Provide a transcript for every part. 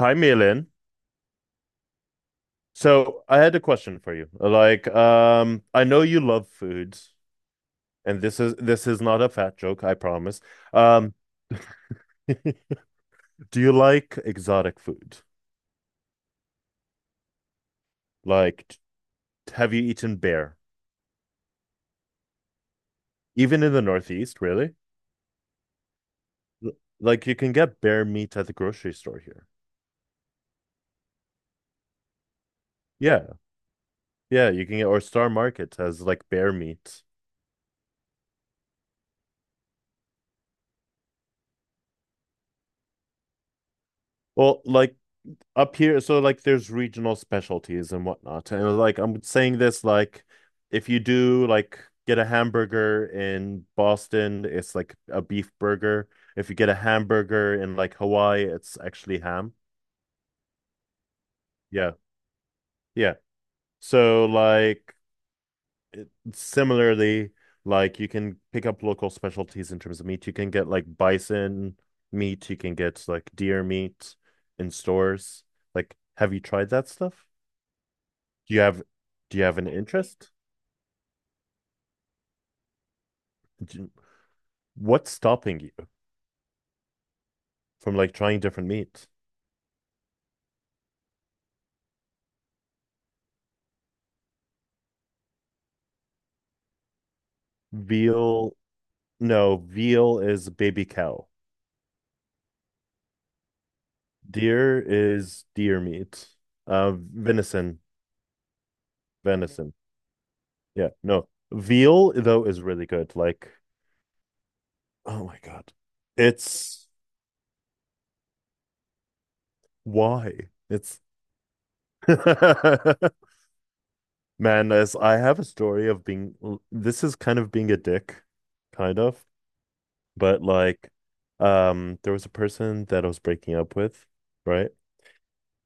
Hi, Milan. So I had a question for you. Like, I know you love foods, and this is not a fat joke, I promise. Um, do you like exotic food? Like, have you eaten bear? Even in the Northeast, really? L- Like, you can get bear meat at the grocery store here. Yeah, yeah, you can get or Star Market has like bear meat. Well, like up here, so like there's regional specialties and whatnot. And like I'm saying this, like if you do like get a hamburger in Boston, it's like a beef burger. If you get a hamburger in like Hawaii, it's actually ham. Yeah, yeah, so like similarly, like you can pick up local specialties in terms of meat. You can get like bison meat. You can get like deer meat in stores. Like have you tried that stuff? Do you have an interest? What's stopping you from like trying different meat? Veal, no, veal is baby cow. Deer is deer meat. Uh, venison, venison. Yeah, no. Veal though is really good. Like, oh my God. It's why? It's man, as I have a story of being this is kind of being a dick, kind of, but like there was a person that I was breaking up with, right?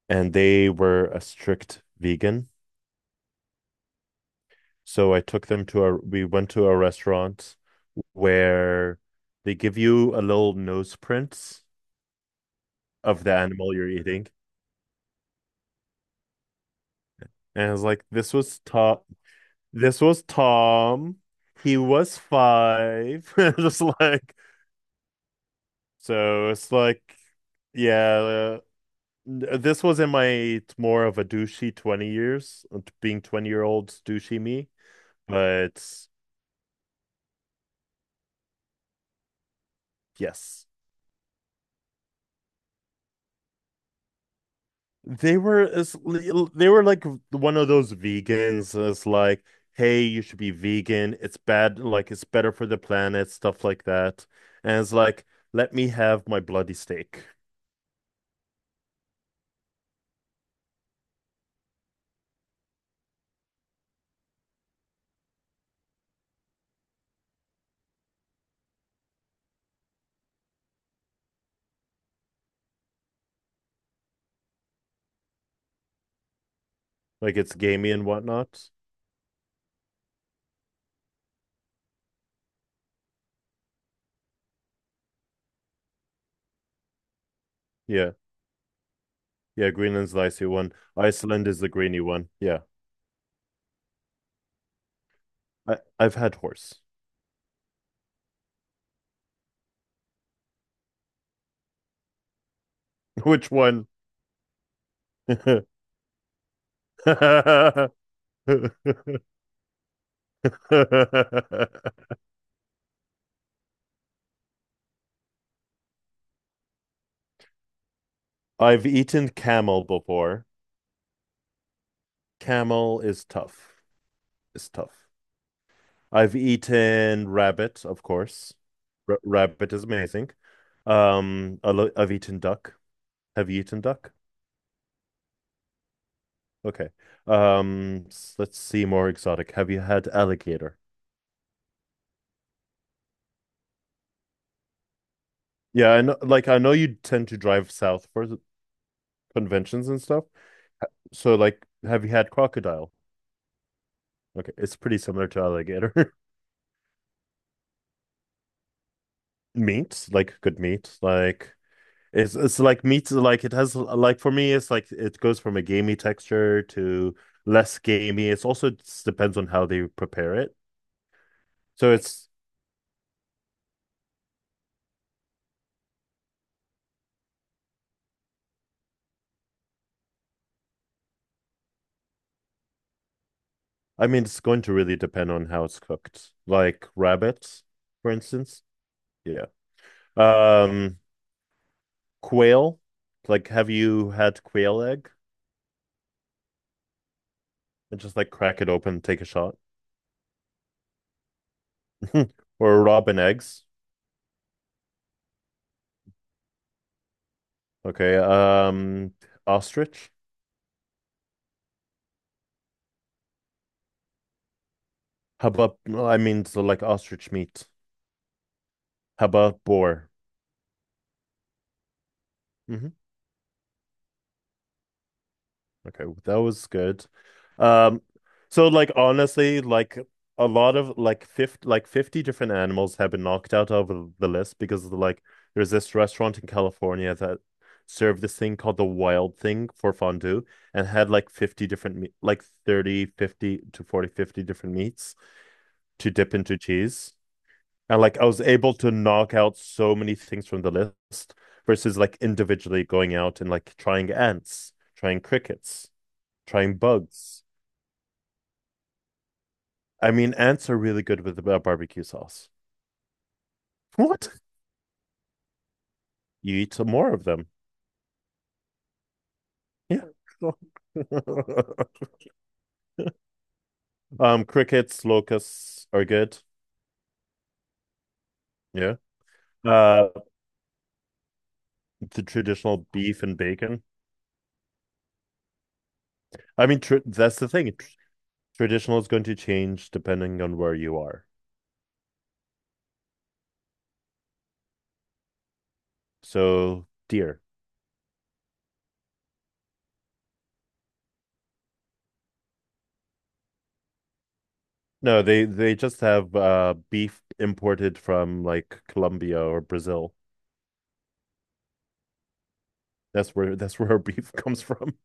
And they were a strict vegan. So I took them to a, we went to a restaurant where they give you a little nose prints of the animal you're eating. And I was like, this was Tom. This was Tom. He was five. Just like, so it's like, yeah, uh, this was in my more of a douchey 20 years, being 20-year-old douchey me. But yes. They were as they were like one of those vegans that's like, hey, you should be vegan. It's bad, like it's better for the planet, stuff like that. And it's like, let me have my bloody steak. Like it's gamey and whatnot. Yeah. Yeah, Greenland's the icy one. Iceland is the greeny one. Yeah. I've had horse. Which one? I've eaten camel before. Camel is tough. It's tough. I've eaten rabbit, of course. R rabbit is amazing. I've eaten duck. Have you eaten duck? Okay. Let's see more exotic. Have you had alligator? Yeah, I know you tend to drive south for the conventions and stuff. So like, have you had crocodile? Okay, it's pretty similar to alligator. Meat, like good meat, like, it's like meat, like it has like for me, it's like it goes from a gamey texture to less gamey. It's also just depends on how they prepare it. So it's I mean it's going to really depend on how it's cooked. Like rabbit, for instance. Yeah. Um Quail. Like have you had quail egg? And just like crack it open, take a shot. Or robin eggs. Okay. Ostrich. How about I mean so like ostrich meat. How about boar? Mhm. Okay, that was good. Um, so like honestly, like a lot of like 50, like 50 different animals have been knocked out of the list because of the, like there's this restaurant in California that served this thing called the wild thing for fondue and had like 50 different meat like 30 50 to 40 50 different meats to dip into cheese. And like I was able to knock out so many things from the list versus like individually going out and like trying ants, trying crickets trying bugs. I mean, ants are really good with barbecue sauce. What? You eat some more of them. Yeah. Crickets, locusts are good. Yeah. Uh, the traditional beef and bacon. I mean, tr that's the thing. Tr traditional is going to change depending on where you are. So, deer. No, they just have beef imported from like Colombia or Brazil. That's where our beef comes from.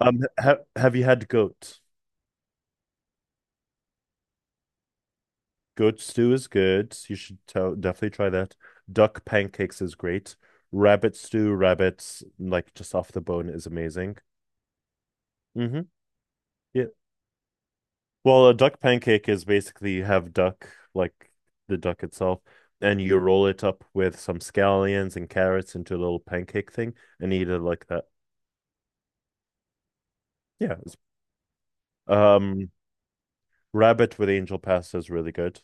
Ha have you had goat? Goat stew is good. You should tell, definitely try that. Duck pancakes is great. Rabbit stew, rabbits, like just off the bone, is amazing. Hmm. Yeah. Well, a duck pancake is basically you have duck, like the duck itself, and you roll it up with some scallions and carrots into a little pancake thing and eat it like that. Yeah. Um, rabbit with angel pasta is really good.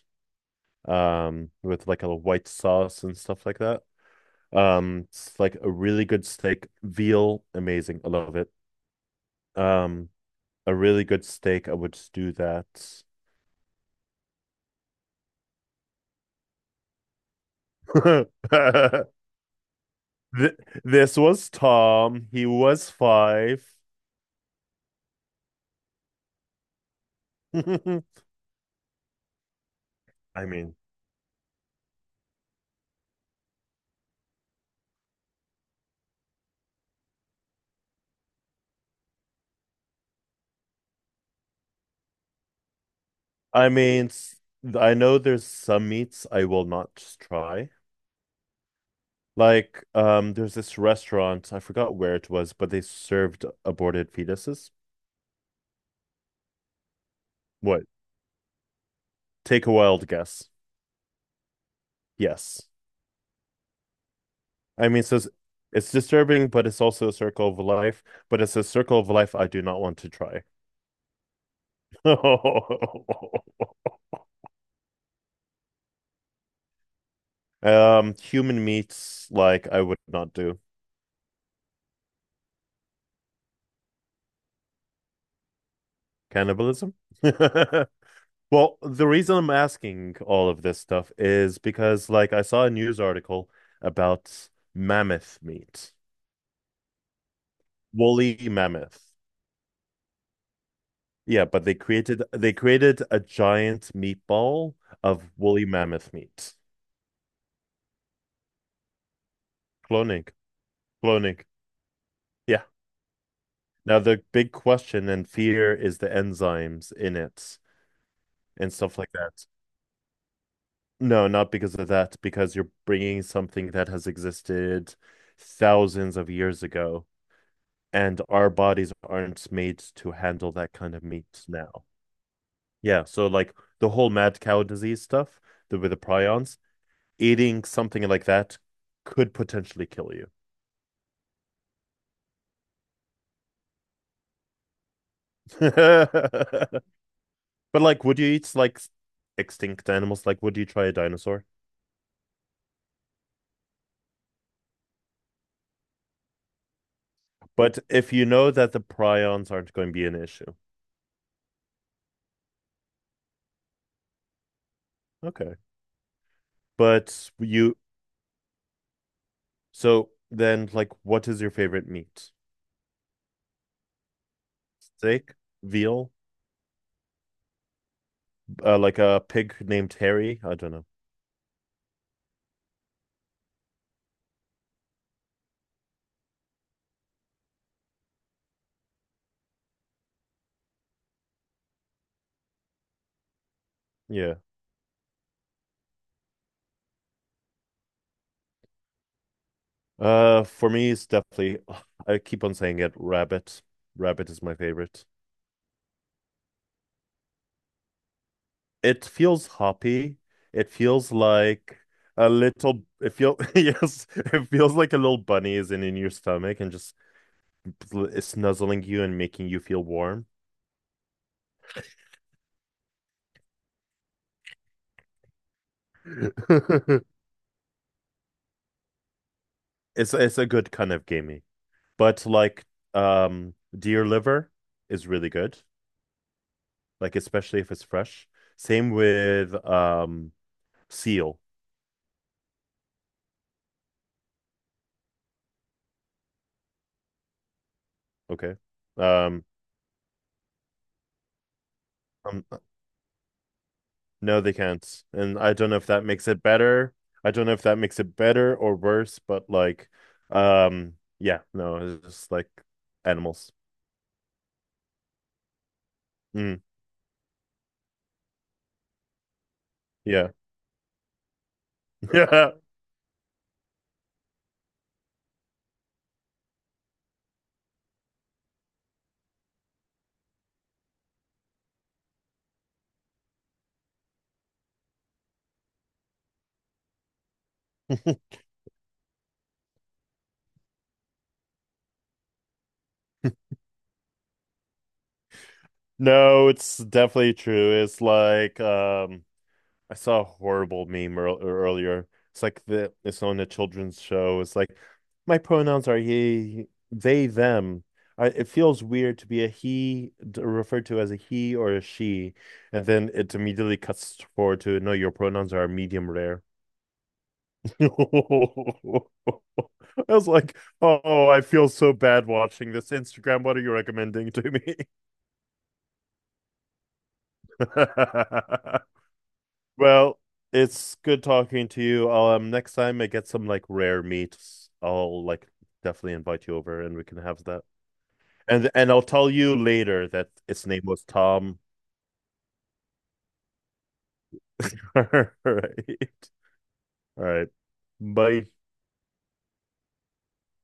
With like a white sauce and stuff like that. It's like a really good steak, veal, amazing. I love it. Um, a really good steak, I would do that. Th- this was Tom. He was five. I mean, I mean, I know there's some meats I will not just try. Like, there's this restaurant, I forgot where it was, but they served aborted fetuses. What? Take a wild guess. Yes. I mean, so it's disturbing, but it's also a circle of life. But it's a circle of life I do not want to try. Human meats, like I would not do cannibalism. Well, the reason I'm asking all of this stuff is because, like, I saw a news article about mammoth meat, woolly mammoth. Yeah, but they created a giant meatball of woolly mammoth meat. Cloning, cloning. Yeah. Now, the big question and fear is the enzymes in it and stuff like that. No, not because of that, because you're bringing something that has existed thousands of years ago, and our bodies aren't made to handle that kind of meat now. Yeah, so like the whole mad cow disease stuff, the with the prions, eating something like that could potentially kill you. But like, would you eat like extinct animals? Like, would you try a dinosaur? But if you know that the prions aren't going to be an issue. Okay. But you, so then, like, what is your favorite meat? Steak? Veal? Like a pig named Harry? I don't know. Yeah. For me, it's definitely, I keep on saying it, rabbit. Rabbit is my favorite. It feels hoppy. It feels like a little, it feels yes, it feels like a little bunny is in, your stomach and just snuzzling you and making you feel warm. It's a good kind of gamey. But like deer liver is really good. Like especially if it's fresh. Same with seal, okay? Um, um no they can't. And I don't know if that makes it better. I don't know if that makes it better or worse, but like yeah, no, it's just like animals. Mm, yeah. Yeah. No, it's definitely true. It's like I saw a horrible meme earlier. It's like the it's on a children's show. It's like my pronouns are he, they, them. It feels weird to be a he, referred to as a he or a she, and then it immediately cuts forward to no, your pronouns are medium rare. I was like, oh, I feel so bad watching this. Instagram, what are you recommending to me? Well, it's good talking to you. Next time I get some like rare meats, I'll like definitely invite you over and we can have that. And I'll tell you later that its name was Tom. All right. All right. Bye.